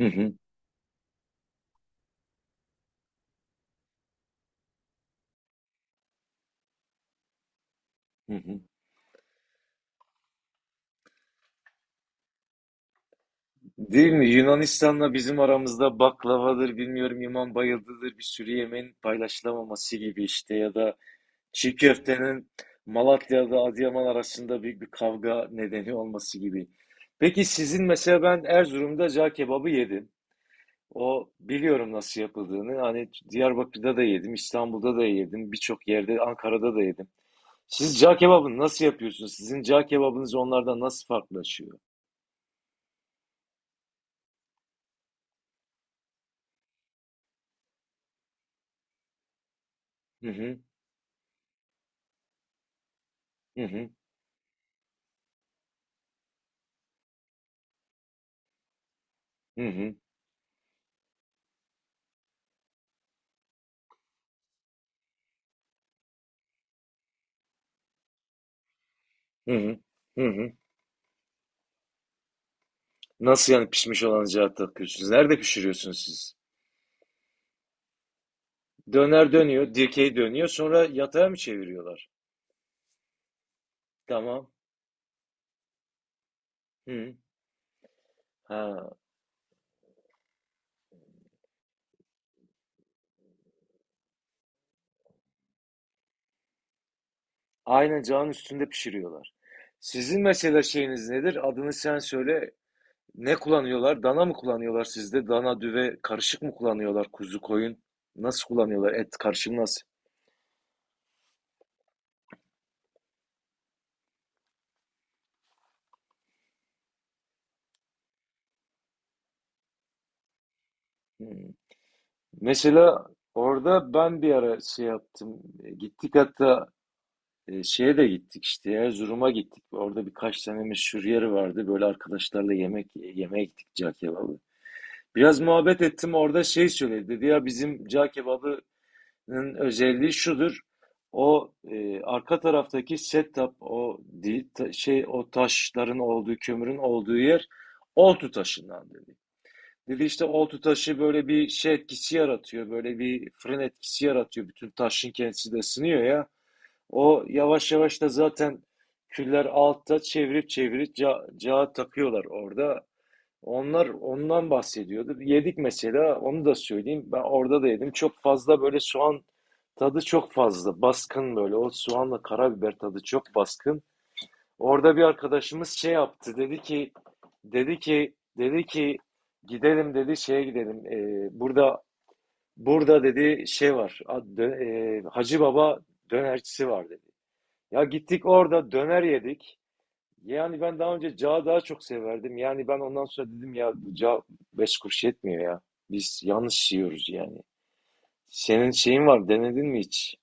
Hı hı, hı hı. Değil mi? Yunanistan'la bizim aramızda baklavadır, bilmiyorum imam bayıldıdır bir sürü yemeğin paylaşılamaması gibi işte ya da çiğ köftenin Malatya'da Adıyaman arasında büyük bir kavga nedeni olması gibi. Peki sizin mesela ben Erzurum'da cağ kebabı yedim. O biliyorum nasıl yapıldığını. Hani Diyarbakır'da da yedim, İstanbul'da da yedim, birçok yerde Ankara'da da yedim. Siz cağ kebabını nasıl yapıyorsunuz? Sizin cağ kebabınız onlardan nasıl farklılaşıyor? Hı hı, hı hı. Hı hı. Hı hı. Hı hı. Nasıl yani pişmiş olan cevap takıyorsunuz? Nerede pişiriyorsunuz siz? Döner dönüyor, dikey dönüyor, sonra yatağa mı çeviriyorlar? Tamam. Hı. Ha. Aynen cağın üstünde pişiriyorlar. Sizin mesela şeyiniz nedir? Adını sen söyle. Ne kullanıyorlar? Dana mı kullanıyorlar sizde? Dana, düve karışık mı kullanıyorlar? Kuzu, koyun. Nasıl kullanıyorlar? Et karışımı nasıl? Hı. Mesela orada ben bir ara şey yaptım. Gittik hatta şeye de gittik işte Erzurum'a gittik. Orada birkaç tane meşhur yeri vardı. Böyle arkadaşlarla yemek yemeğe gittik cağ kebabı. Biraz muhabbet ettim orada şey söyledi. Dedi ya bizim cağ kebabının özelliği şudur. O arka taraftaki setup o değil, şey o taşların olduğu kömürün olduğu yer oltu taşından dedi. Dedi işte oltu taşı böyle bir şey etkisi yaratıyor. Böyle bir fırın etkisi yaratıyor. Bütün taşın kendisi de ısınıyor ya. O yavaş yavaş da zaten küller altta çevirip çevirip cağa takıyorlar orada. Onlar ondan bahsediyordu. Yedik mesela onu da söyleyeyim. Ben orada da yedim. Çok fazla böyle soğan tadı çok fazla. Baskın böyle. O soğanla karabiber tadı çok baskın. Orada bir arkadaşımız şey yaptı. Dedi ki gidelim dedi şeye gidelim. Burada dedi şey var. Hacı Baba dönercisi var dedi. Ya gittik orada döner yedik. Yani ben daha önce cağı daha çok severdim. Yani ben ondan sonra dedim ya bu cağ beş kuruş yetmiyor ya. Biz yanlış yiyoruz yani. Senin şeyin var denedin mi hiç?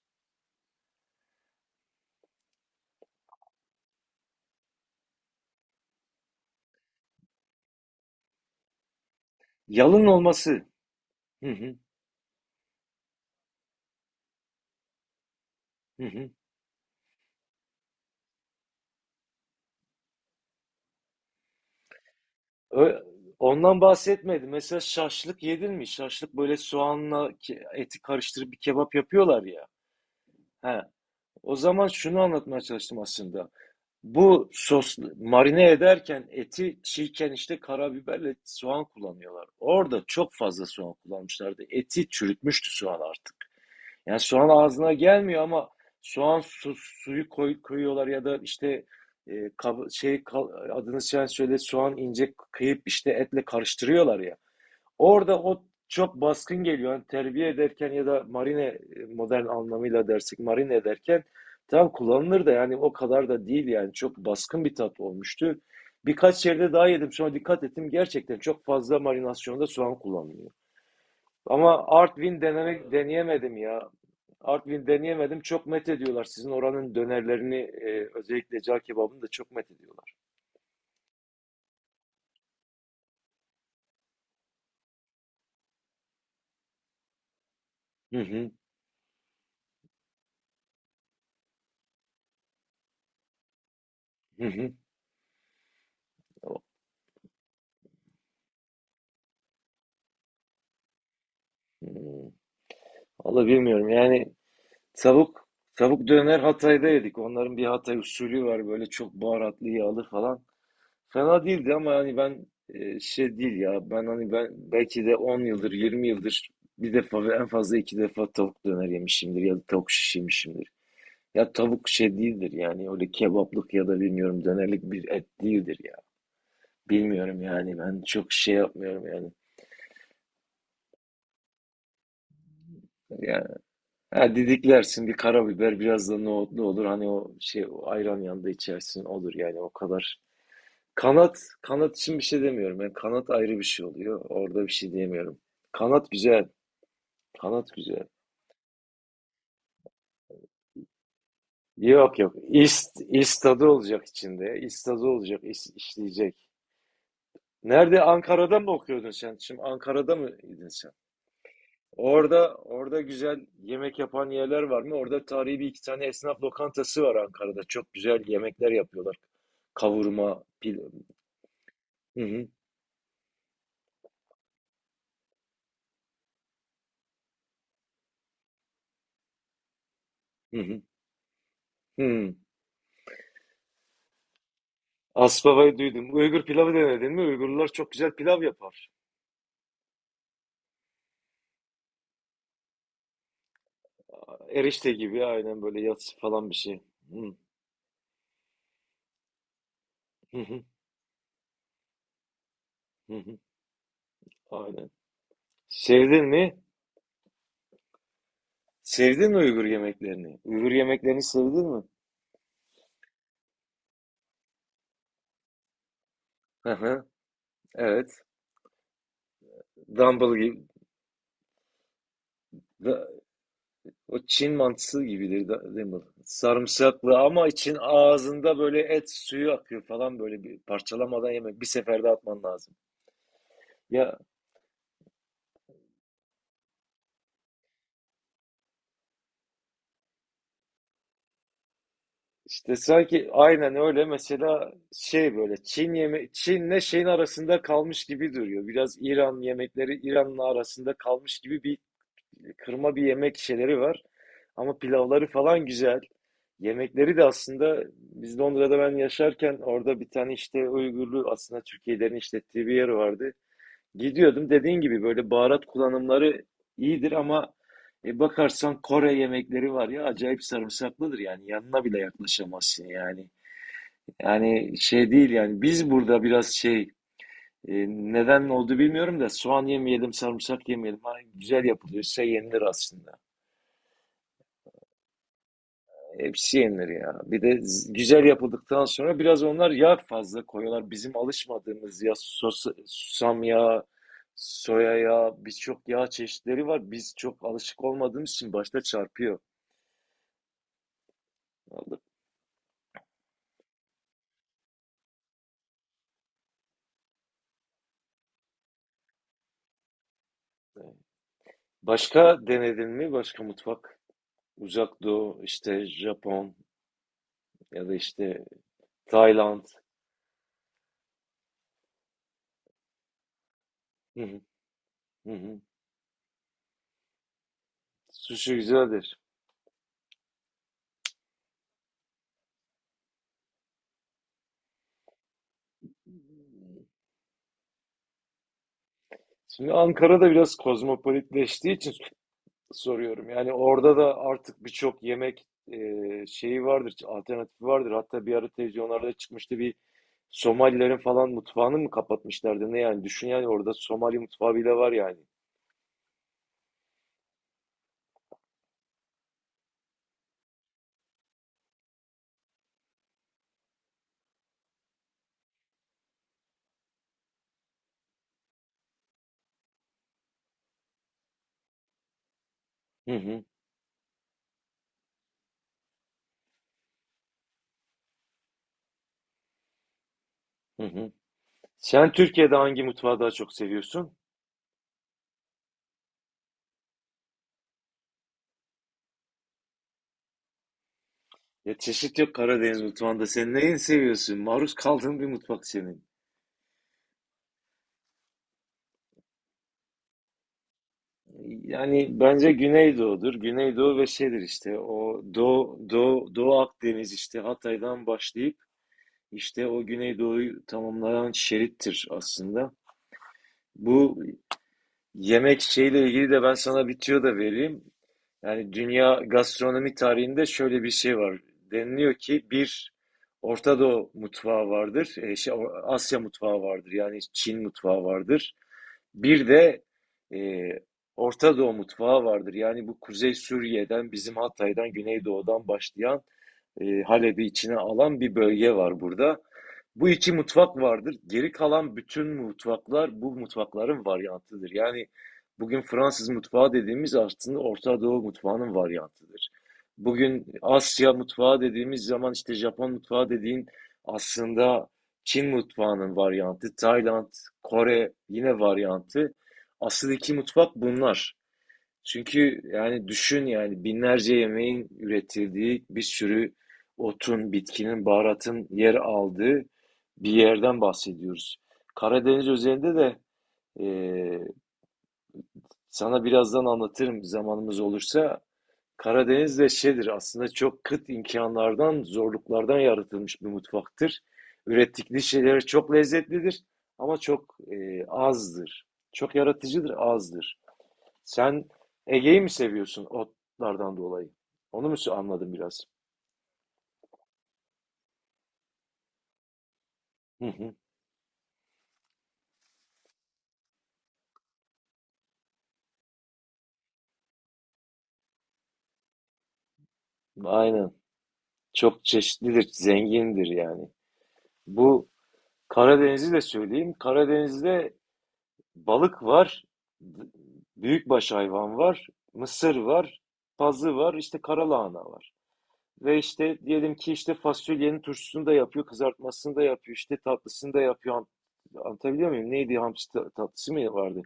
Yalın olması. Hı hı, hı hı. Ö- Ondan bahsetmedim. Mesela şaşlık yedin mi? Şaşlık böyle soğanla eti karıştırıp bir kebap yapıyorlar ya. He. O zaman şunu anlatmaya çalıştım aslında. Bu sos marine ederken eti çiğken işte karabiberle soğan kullanıyorlar. Orada çok fazla soğan kullanmışlardı. Eti çürütmüştü soğan artık. Yani soğan ağzına gelmiyor ama koyuyorlar ya da işte e, kab- şey kal- adını sen söyle soğan ince kıyıp işte etle karıştırıyorlar ya. Orada o çok baskın geliyor. Yani terbiye ederken ya da modern anlamıyla dersek marine ederken tam kullanılır da yani o kadar da değil yani çok baskın bir tat olmuştu. Birkaç yerde daha yedim sonra dikkat ettim gerçekten çok fazla marinasyonda soğan kullanılıyor. Ama Artvin denemek deneyemedim ya. Artvin deneyemedim. Çok met ediyorlar. Sizin oranın dönerlerini özellikle cağ kebabını da çok met ediyorlar. Hı hı. Hı hı. Hı. Vallahi bilmiyorum yani. Tavuk, tavuk döner Hatay'da yedik. Onların bir Hatay usulü var böyle çok baharatlı yağlı falan. Fena değildi ama hani şey değil ya. Ben belki de 10 yıldır 20 yıldır bir defa ve en fazla iki defa tavuk döner yemişimdir ya da tavuk şiş yemişimdir. Ya tavuk şey değildir yani öyle kebaplık ya da bilmiyorum dönerlik bir et değildir ya. Bilmiyorum yani ben çok şey yapmıyorum yani. Yani ha, didiklersin bir karabiber biraz da nohutlu olur. Hani o şey o ayran yanında içersin olur yani o kadar. Kanat için bir şey demiyorum. Yani kanat ayrı bir şey oluyor. Orada bir şey diyemiyorum. Kanat güzel. Kanat güzel. Yok yok. İstadı olacak içinde. İstadı olacak. İşleyecek. Nerede? Ankara'da mı okuyordun sen? Şimdi Ankara'da mıydın sen? Orada güzel yemek yapan yerler var mı? Orada tarihi bir iki tane esnaf lokantası var Ankara'da. Çok güzel yemekler yapıyorlar. Kavurma, pil. Hı hı. Hı hı. Hı. Aspava'yı duydum. Uygur pilavı denedin mi? Uygurlar çok güzel pilav yapar. Erişte gibi aynen böyle yatsı falan bir şey. Hı, hı, hı, hı, hı. Aynen. Sevdin mi? Sevdin mi Uygur yemeklerini? Uygur yemeklerini sevdin mi? Hı hı. Evet. Dumble gibi. Da- O Çin mantısı gibidir dumble. Sarımsaklı ama için ağzında böyle et suyu akıyor falan böyle bir parçalamadan yemek. Bir seferde atman lazım. Ya İşte sanki aynen öyle mesela şey böyle Çin'le şeyin arasında kalmış gibi duruyor. Biraz İran yemekleri İran'la arasında kalmış gibi bir kırma bir yemek şeyleri var. Ama pilavları falan güzel. Yemekleri de aslında Londra'da ben yaşarken orada bir tane işte Uygurlu aslında Türkiye'lerin işlettiği bir yer vardı. Gidiyordum dediğin gibi böyle baharat kullanımları iyidir ama bakarsan Kore yemekleri var ya acayip sarımsaklıdır yani yanına bile yaklaşamazsın yani. Yani şey değil yani biz burada biraz neden oldu bilmiyorum da soğan yemeyelim sarımsak yemeyelim. Ha, güzel yapılıyorsa yenilir aslında. Hepsi yenilir ya. Bir de güzel yapıldıktan sonra biraz onlar yağ fazla koyuyorlar. Bizim alışmadığımız ya susam yağı, soya yağı, birçok yağ çeşitleri var. Biz çok alışık olmadığımız için başta çarpıyor. Aldık. Başka denedin mi? Başka mutfak? Uzak Doğu, işte Japon ya da işte Tayland. Hı hı, hı hı. Sushi güzeldir. Şimdi Ankara'da biraz kozmopolitleştiği için soruyorum. Yani orada da artık birçok e, şeyi vardır, alternatifi vardır. Hatta bir ara televizyonlarda çıkmıştı bir Somalilerin falan mutfağını mı kapatmışlardı ne yani? Düşün yani orada Somali mutfağı bile var yani. Hı hı, hı hı. Sen Türkiye'de hangi mutfağı daha çok seviyorsun? Ya çeşit yok Karadeniz mutfağında. Sen neyi seviyorsun? Maruz kaldığın bir mutfak senin. Yani bence Güneydoğu'dur. Güneydoğu ve şeydir işte o Doğu Akdeniz işte Hatay'dan başlayıp İşte o Güneydoğu'yu tamamlayan şerittir aslında. Bu yemek şeyle ilgili de ben sana bir tüyo da vereyim. Yani dünya gastronomi tarihinde şöyle bir şey var. Deniliyor ki bir Orta Doğu mutfağı vardır, Asya mutfağı vardır yani Çin mutfağı vardır. Bir de e, Orta Doğu mutfağı vardır. Yani bu Kuzey Suriye'den, bizim Hatay'dan, Güneydoğu'dan başlayan Halep'i içine alan bir bölge var burada. Bu iki mutfak vardır. Geri kalan bütün mutfaklar bu mutfakların varyantıdır. Yani bugün Fransız mutfağı dediğimiz aslında Orta Doğu mutfağının varyantıdır. Bugün Asya mutfağı dediğimiz zaman işte Japon mutfağı dediğin aslında Çin mutfağının varyantı, Tayland, Kore yine varyantı. Asıl iki mutfak bunlar. Çünkü yani düşün yani binlerce yemeğin üretildiği bir sürü otun, bitkinin, baharatın yer aldığı bir yerden bahsediyoruz. Karadeniz üzerinde de e, sana birazdan anlatırım zamanımız olursa. Karadeniz de şeydir aslında çok kıt imkanlardan, zorluklardan yaratılmış bir mutfaktır. Ürettikleri şeyler çok lezzetlidir ama azdır. Çok yaratıcıdır, azdır. Sen Ege'yi mi seviyorsun otlardan dolayı? Onu mu anladım biraz? Hı hı. Aynen. Çok çeşitlidir, zengindir yani. Bu Karadeniz'i de söyleyeyim. Karadeniz'de balık var, b- büyükbaş hayvan var, mısır var, pazı var, işte karalahana var. Ve işte diyelim ki işte fasulyenin turşusunu da yapıyor, kızartmasını da yapıyor, işte tatlısını da yapıyor. Anlatabiliyor muyum? Neydi hamsi tatlısı mı vardı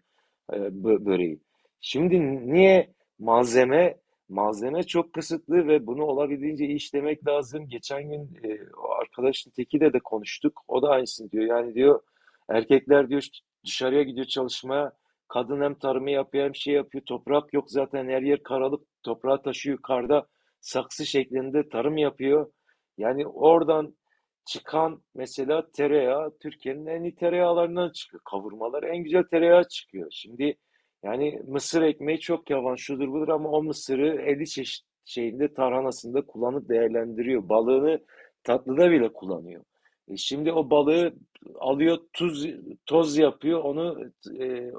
böreği? Şimdi niye malzeme malzeme çok kısıtlı ve bunu olabildiğince iyi işlemek lazım. Geçen o arkadaşın tekiyle de konuştuk. O da aynısını diyor. Yani diyor erkekler diyor dışarıya gidiyor çalışmaya. Kadın hem tarımı yapıyor hem şey yapıyor. Toprak yok zaten her yer karalık. Toprağı taşıyor karda saksı şeklinde tarım yapıyor. Yani oradan çıkan mesela tereyağı Türkiye'nin en iyi tereyağlarından çıkıyor. Kavurmalar en güzel tereyağı çıkıyor. Şimdi yani mısır ekmeği çok yavan şudur budur ama o mısırı 50 çeşit şeyinde tarhanasında kullanıp değerlendiriyor. Balığını tatlıda bile kullanıyor. E şimdi o balığı alıyor tuz toz yapıyor onu e,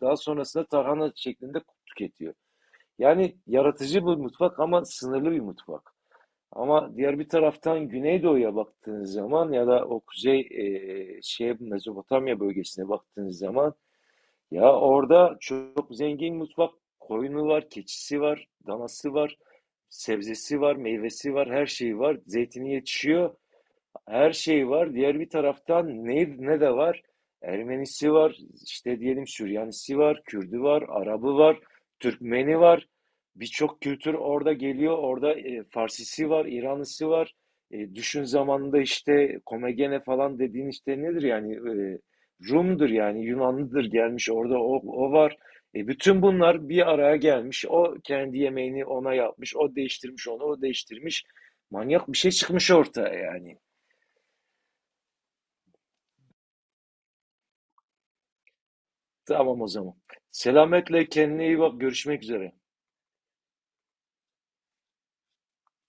daha sonrasında tarhana şeklinde tüketiyor. Yani yaratıcı bir mutfak ama sınırlı bir mutfak. Ama diğer bir taraftan Güneydoğu'ya baktığınız zaman ya da o kuzey e, şey Mezopotamya bölgesine baktığınız zaman ya orada çok zengin mutfak koyunu var, keçisi var, danası var, sebzesi var, meyvesi var, her şeyi var. Zeytini yetişiyor her şey var. Diğer bir taraftan ne de var? Ermenisi var, işte diyelim Süryanisi var, Kürdü var, Arabı var, Türkmeni var. Birçok kültür orada geliyor. Orada Farsisi var, İranlısı var. E, düşün zamanında işte Komagene falan dediğin işte nedir yani? E, Rum'dur yani Yunanlıdır gelmiş orada o var. E, bütün bunlar bir araya gelmiş. O kendi yemeğini ona yapmış, o değiştirmiş onu, o değiştirmiş. Manyak bir şey çıkmış ortaya yani. Tamam o zaman. Selametle kendine iyi bak. Görüşmek üzere.